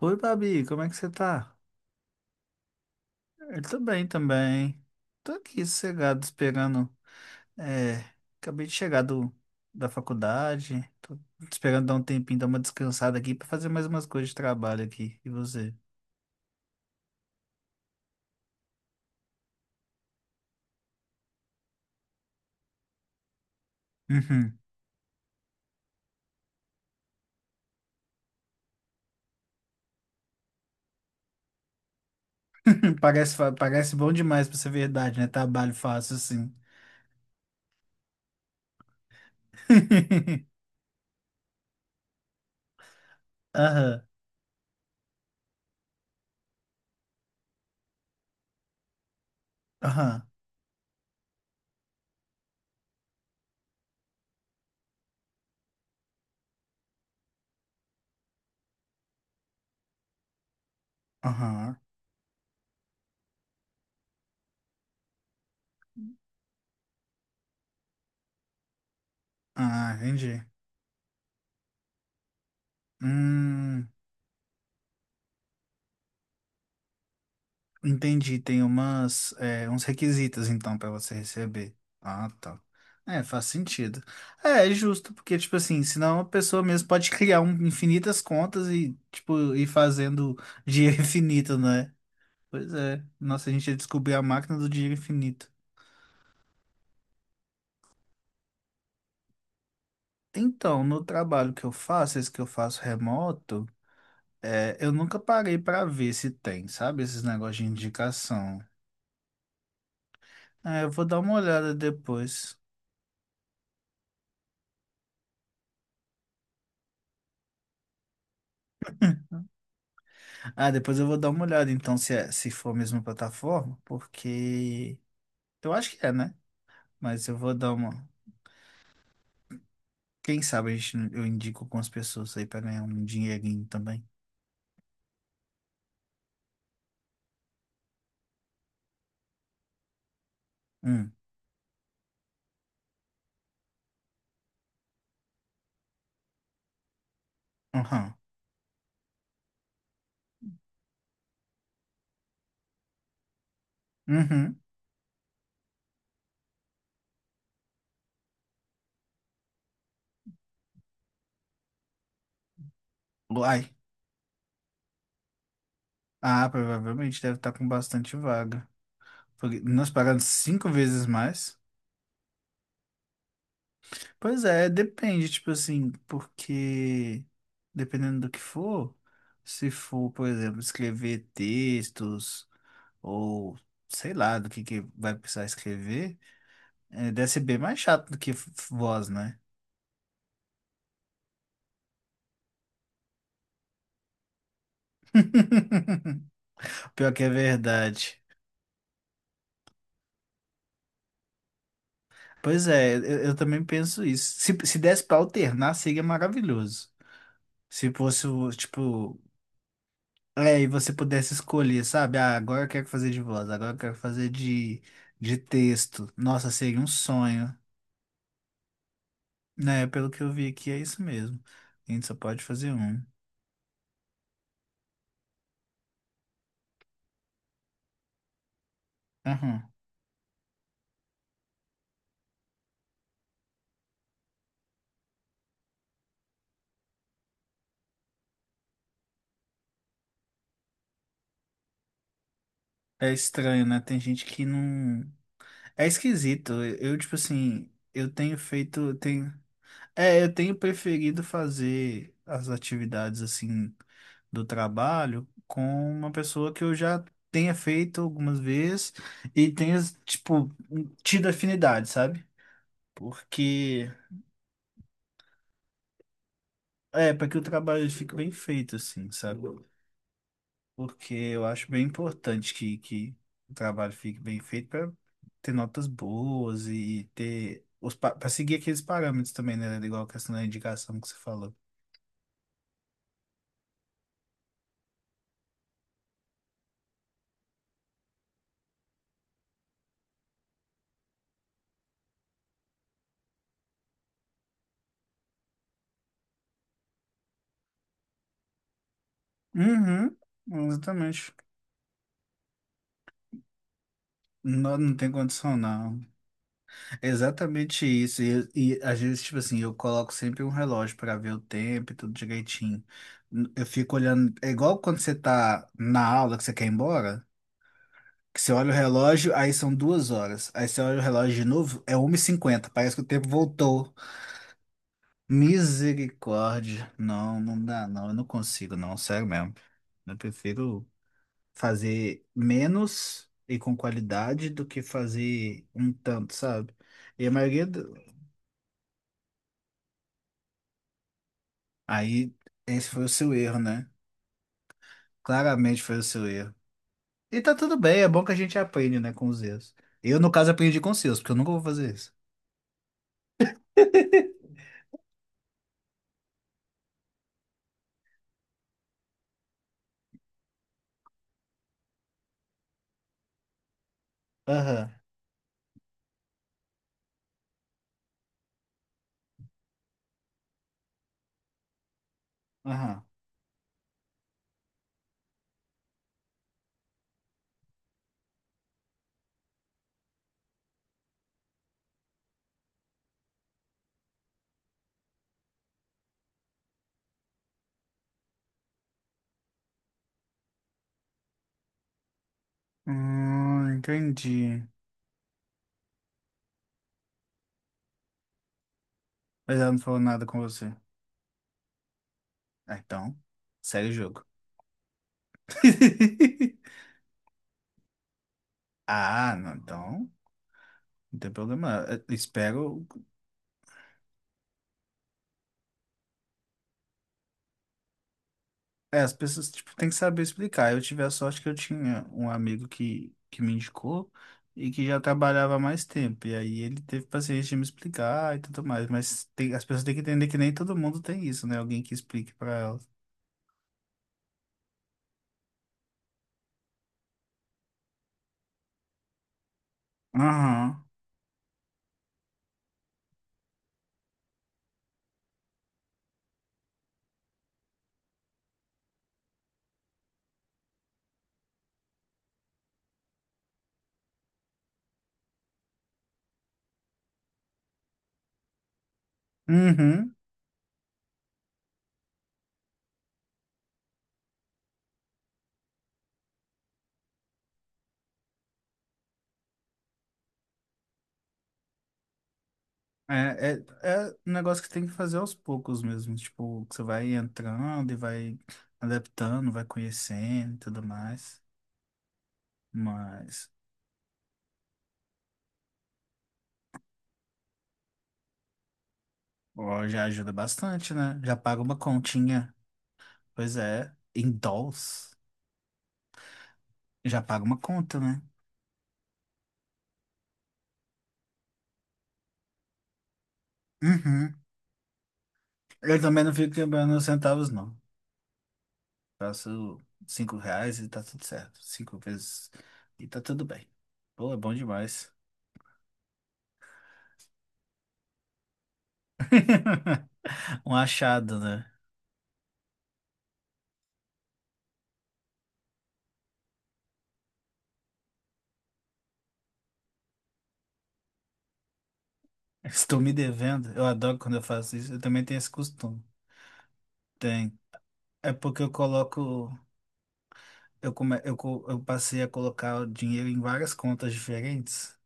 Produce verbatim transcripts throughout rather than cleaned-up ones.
Oi, Babi, como é que você tá? Eu tô bem também. Tô aqui sossegado, esperando. É, acabei de chegar do, da faculdade. Tô esperando dar um tempinho, dar uma descansada aqui pra fazer mais umas coisas de trabalho aqui. E você? Uhum. Parece, fa- parece bom demais pra ser verdade, né? Trabalho fácil assim. Aham, aham, aham. Ah, entendi. Hum. Entendi, tem umas, é, uns requisitos então pra você receber. Ah, tá. É, faz sentido. É, é justo, porque, tipo assim, senão a pessoa mesmo pode criar um- infinitas contas e, tipo, ir fazendo dinheiro infinito, né? Pois é. Nossa, a gente ia descobrir a máquina do dinheiro infinito. Então, no trabalho que eu faço, esse que eu faço remoto, é, eu nunca parei pra ver se tem, sabe? Esses negócios de indicação. É, eu vou dar uma olhada depois. Ah, depois eu vou dar uma olhada então se, é- se for a mesma plataforma, porque eu acho que é, né? Mas eu vou dar uma. Quem sabe a gente, não- eu indico algumas pessoas aí pra ganhar um dinheirinho também. Hum, aham, uhum. Uai. Ah, provavelmente deve estar com bastante vaga. Porque nós pagamos cinco vezes mais. Pois é, depende, tipo assim, porque dependendo do que for, se for, por exemplo, escrever textos, ou sei lá do que, que vai precisar escrever, é, deve ser bem mais chato do que f- voz, né? Pior que é verdade. Pois é, eu, eu também penso isso. Se, se desse pra alternar, seria maravilhoso. Se fosse, o, tipo, é, e você pudesse escolher, sabe? Ah, agora eu quero fazer de voz, agora eu quero fazer de, de texto. Nossa, seria um sonho. Né, pelo que eu vi aqui, é isso mesmo. A gente só pode fazer um. Aham. É estranho, né? Tem gente que não. É esquisito. Eu, tipo assim, eu tenho feito. eu Tenho... É, eu tenho preferido fazer as atividades assim do trabalho com uma pessoa que eu já tenha feito algumas vezes e tenha, tipo, tido afinidade, sabe? Porque. É, para que o trabalho fique bem feito, assim, sabe? Porque eu acho bem importante que, que o trabalho fique bem feito para ter notas boas e ter os para seguir aqueles parâmetros também, né? Igual a questão da indicação que você falou. Uhum, exatamente. Não, não tem condição, não. É exatamente isso. E, e às vezes, tipo assim, eu coloco sempre um relógio para ver o tempo e tudo direitinho. Eu fico olhando. É igual quando você tá na aula que você quer ir embora. Que você olha o relógio, aí são duas horas. Aí você olha o relógio de novo, é uma e cinquenta e cinquenta. Parece que o tempo voltou. Misericórdia. Não, não dá, não. Eu não consigo, não. Sério mesmo. Eu prefiro fazer menos e com qualidade do que fazer um tanto, sabe? E a maioria. do- Aí, esse foi o seu erro, né? Claramente foi o seu erro. E tá tudo bem, é bom que a gente aprende, né, com os erros. Eu, no caso, aprendi com os seus, porque eu nunca vou fazer isso. Aham, aham. Hum, entendi. Mas ela não falou nada com você. Ah, então, segue o jogo. Ah, não, então, não tem problema. Eu espero. É, as pessoas, tipo, têm que saber explicar. Eu tive a sorte que eu tinha um amigo que, que me indicou e que já trabalhava há mais tempo. E aí ele teve paciência de me explicar e tudo mais. Mas tem, as pessoas têm que entender que nem todo mundo tem isso, né? Alguém que explique pra elas. Aham. Uhum. É, é, é um negócio que tem que fazer aos poucos mesmo. Tipo, que você vai entrando e vai adaptando, vai conhecendo e tudo mais. Mas, ó, já ajuda bastante, né? Já paga uma continha. Pois é, em dólares. Já paga uma conta, né? Uhum. Eu também não fico quebrando os centavos, não. Faço cinco reais e tá tudo certo. Cinco vezes e tá tudo bem. Pô, é bom demais. Um achado, né? Estou me devendo. Eu adoro quando eu faço isso. Eu também tenho esse costume. Tem. É porque eu coloco. Eu, come, eu, co- eu passei a colocar o dinheiro em várias contas diferentes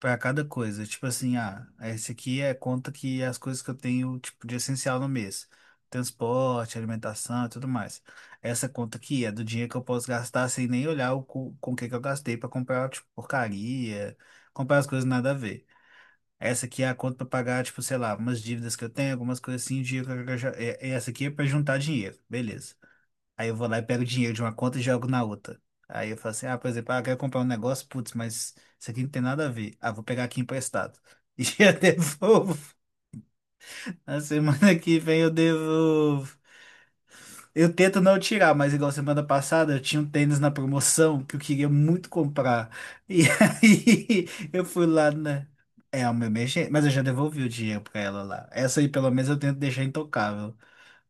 para cada coisa. Tipo assim, ah, esse aqui é conta que é as coisas que eu tenho, tipo, de essencial no mês. Transporte, alimentação e tudo mais. Essa conta aqui é do dinheiro que eu posso gastar sem nem olhar o, co- com o que que eu gastei para comprar, tipo, porcaria, comprar as coisas nada a ver. Essa aqui é a conta para pagar, tipo, sei lá, umas dívidas que eu tenho, algumas coisas assim, dinheiro que eu já... é- é Essa aqui é para juntar dinheiro, beleza. Aí eu vou lá e pego dinheiro de uma conta e jogo na outra. Aí eu falo assim, ah, por exemplo, ah, eu quero comprar um negócio, putz, mas isso aqui não tem nada a ver. Ah, vou pegar aqui emprestado. E eu devolvo. Na semana que vem eu devolvo. Eu tento não tirar, mas igual semana passada eu tinha um tênis na promoção que eu queria muito comprar. E aí eu fui lá na. É uma emergência, mas eu já devolvi o dinheiro pra ela lá. Essa aí pelo menos eu tento deixar intocável.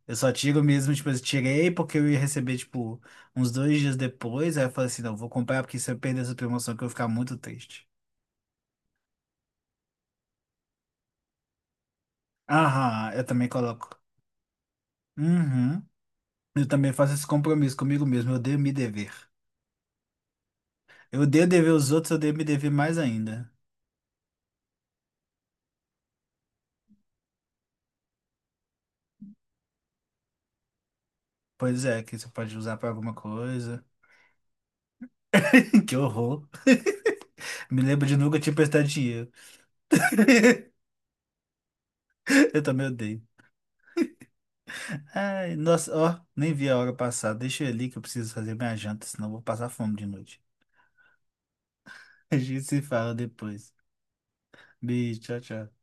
Eu só tiro mesmo, tipo, eu tirei porque eu ia receber, tipo, uns dois dias depois. Aí eu falei assim: não, vou comprar porque se eu perder essa promoção que eu vou ficar muito triste. Aham, eu também coloco. Uhum. Eu também faço esse compromisso comigo mesmo. Eu odeio me dever. Eu odeio dever os outros, eu odeio me dever mais ainda. Pois é, que você pode usar pra alguma coisa. Que horror. Me lembro de nunca te emprestar dinheiro. Eu também odeio. Ai, nossa, ó, nem vi a hora passar. Deixa eu ir ali que eu preciso fazer minha janta, senão eu vou passar fome de noite. A gente se fala depois. Beijo, tchau, tchau.